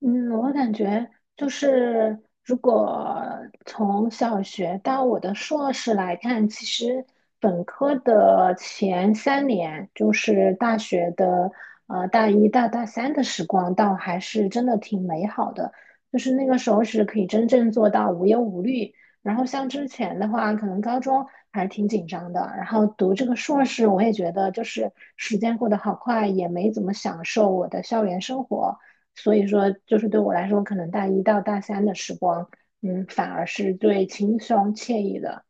嗯，我感觉就是，如果从小学到我的硕士来看，其实本科的前3年，就是大学的大一到大三的时光，倒还是真的挺美好的。就是那个时候是可以真正做到无忧无虑。然后像之前的话，可能高中还是挺紧张的。然后读这个硕士，我也觉得就是时间过得好快，也没怎么享受我的校园生活。所以说，就是对我来说，可能大一到大三的时光，反而是最轻松惬意的。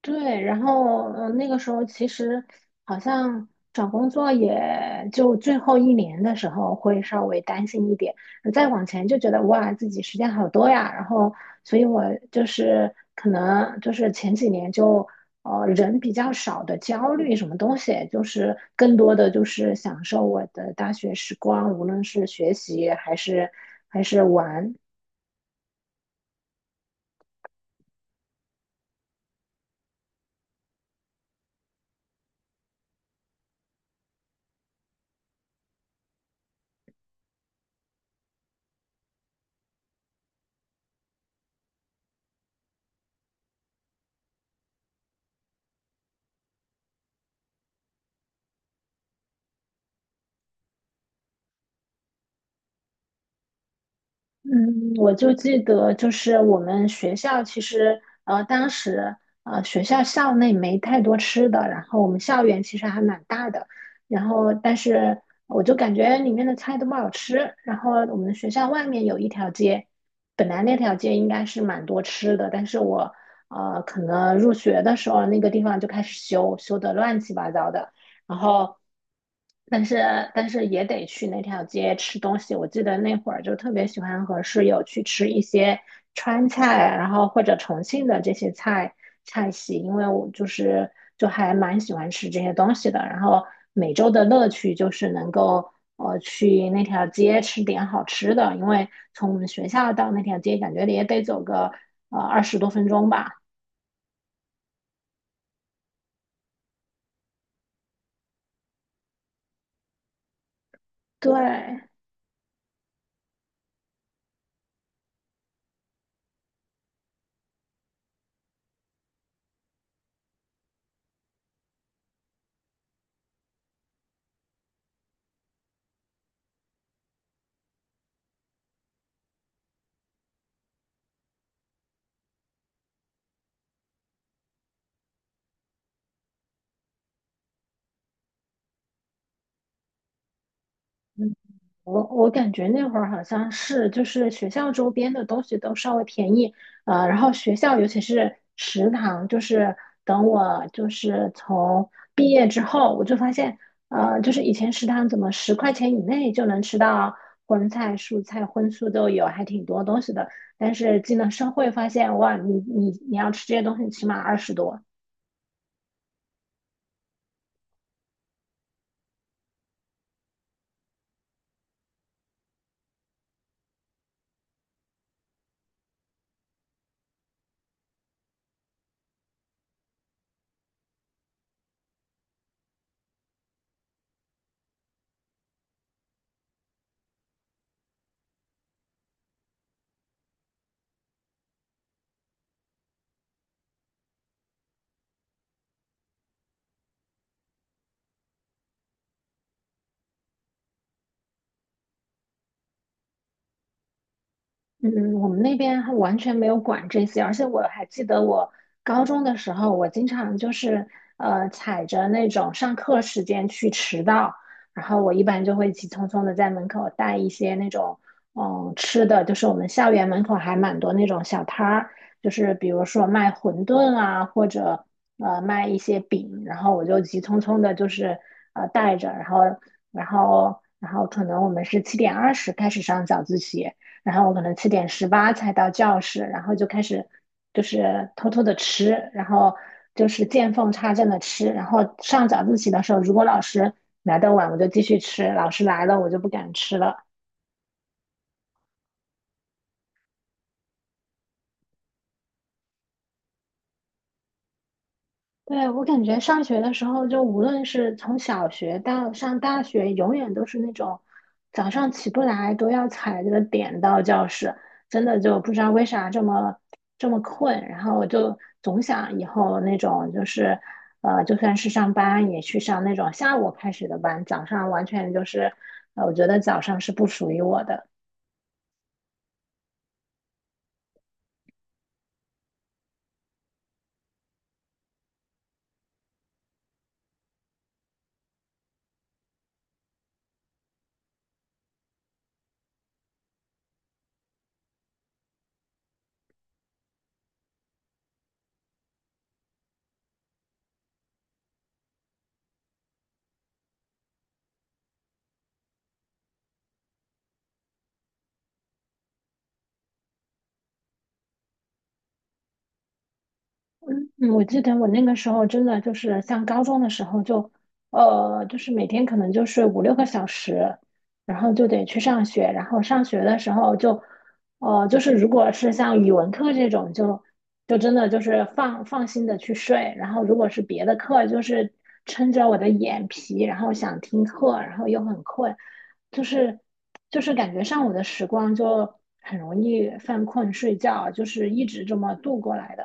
对，然后那个时候其实好像找工作也就最后一年的时候会稍微担心一点，再往前就觉得哇，自己时间好多呀。然后，所以我就是可能就是前几年就人比较少的焦虑什么东西，就是更多的就是享受我的大学时光，无论是学习还是玩。嗯，我就记得，就是我们学校其实，当时，学校校内没太多吃的，然后我们校园其实还蛮大的，然后但是我就感觉里面的菜都不好吃，然后我们学校外面有一条街，本来那条街应该是蛮多吃的，但是我，可能入学的时候那个地方就开始修，修得乱七八糟的。然后，但是但是也得去那条街吃东西。我记得那会儿就特别喜欢和室友去吃一些川菜，然后或者重庆的这些菜系，因为我就是就还蛮喜欢吃这些东西的。然后每周的乐趣就是能够去那条街吃点好吃的，因为从我们学校到那条街感觉也得走个20多分钟吧。对。我感觉那会儿好像是，就是学校周边的东西都稍微便宜，然后学校尤其是食堂，就是等我就是从毕业之后，我就发现，就是以前食堂怎么10块钱以内就能吃到荤菜、蔬菜、荤素都有，还挺多东西的。但是进了社会发现，哇，你要吃这些东西，起码二十多。嗯，我们那边还完全没有管这些，而且我还记得我高中的时候，我经常就是踩着那种上课时间去迟到，然后我一般就会急匆匆的在门口带一些那种吃的，就是我们校园门口还蛮多那种小摊儿，就是比如说卖馄饨啊，或者卖一些饼，然后我就急匆匆的就是带着，然后可能我们是7:20开始上早自习。然后我可能7:18才到教室，然后就开始就是偷偷的吃，然后就是见缝插针的吃，然后上早自习的时候，如果老师来的晚，我就继续吃，老师来了我就不敢吃了。对，我感觉上学的时候，就无论是从小学到上大学，永远都是那种早上起不来都要踩着点到教室，真的就不知道为啥这么这么困。然后我就总想以后那种就是，就算是上班也去上那种下午开始的班，早上完全就是，我觉得早上是不属于我的。嗯，我记得我那个时候真的就是像高中的时候就，就是每天可能就睡5、6个小时，然后就得去上学，然后上学的时候就，就是如果是像语文课这种就，就真的就是放心的去睡，然后如果是别的课，就是撑着我的眼皮，然后想听课，然后又很困，就是就是感觉上午的时光就很容易犯困睡觉，就是一直这么度过来的。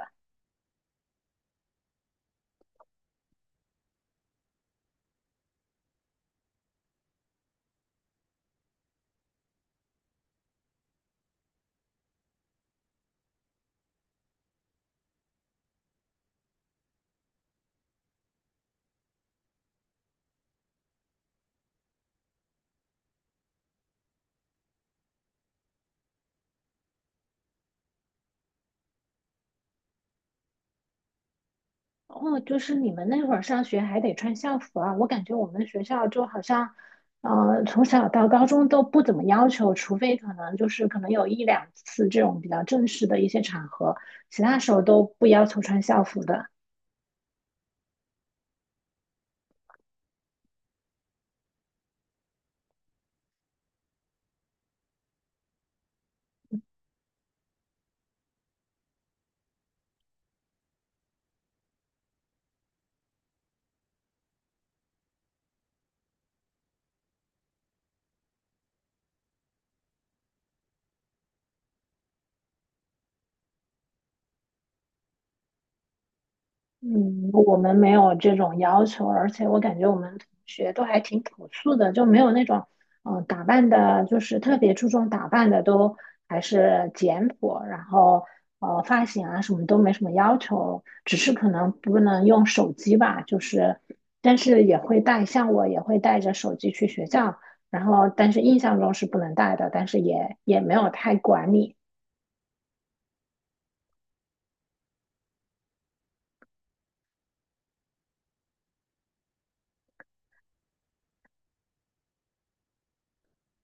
哦，就是你们那会儿上学还得穿校服啊？我感觉我们学校就好像，从小到高中都不怎么要求，除非可能就是可能有一两次这种比较正式的一些场合，其他时候都不要求穿校服的。嗯，我们没有这种要求，而且我感觉我们同学都还挺朴素的，就没有那种打扮的，就是特别注重打扮的，都还是简朴，然后发型啊什么都没什么要求，只是可能不能用手机吧，就是但是也会带，像我也会带着手机去学校，然后但是印象中是不能带的，但是也没有太管理。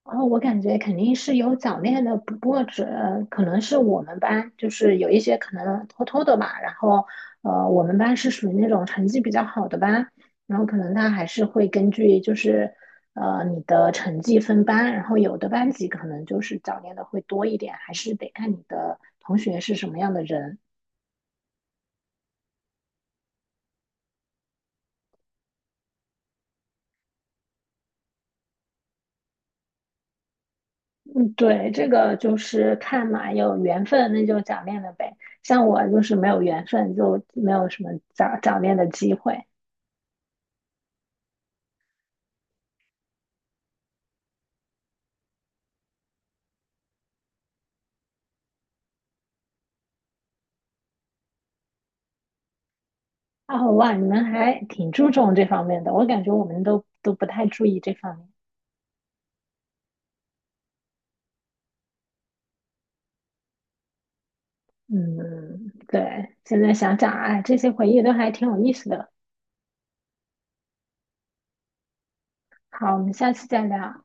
然后我感觉肯定是有早恋的，不过只可能是我们班，就是有一些可能偷偷的吧。然后，我们班是属于那种成绩比较好的班，然后可能他还是会根据就是你的成绩分班，然后有的班级可能就是早恋的会多一点，还是得看你的同学是什么样的人。嗯，对，这个就是看嘛，有缘分那就早恋了呗。像我就是没有缘分，就没有什么早恋的机会。哦，哇，你们还挺注重这方面的，我感觉我们都不太注意这方面。嗯，对，现在想想，哎，这些回忆都还挺有意思的。好，我们下次再聊。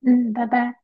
嗯，拜拜。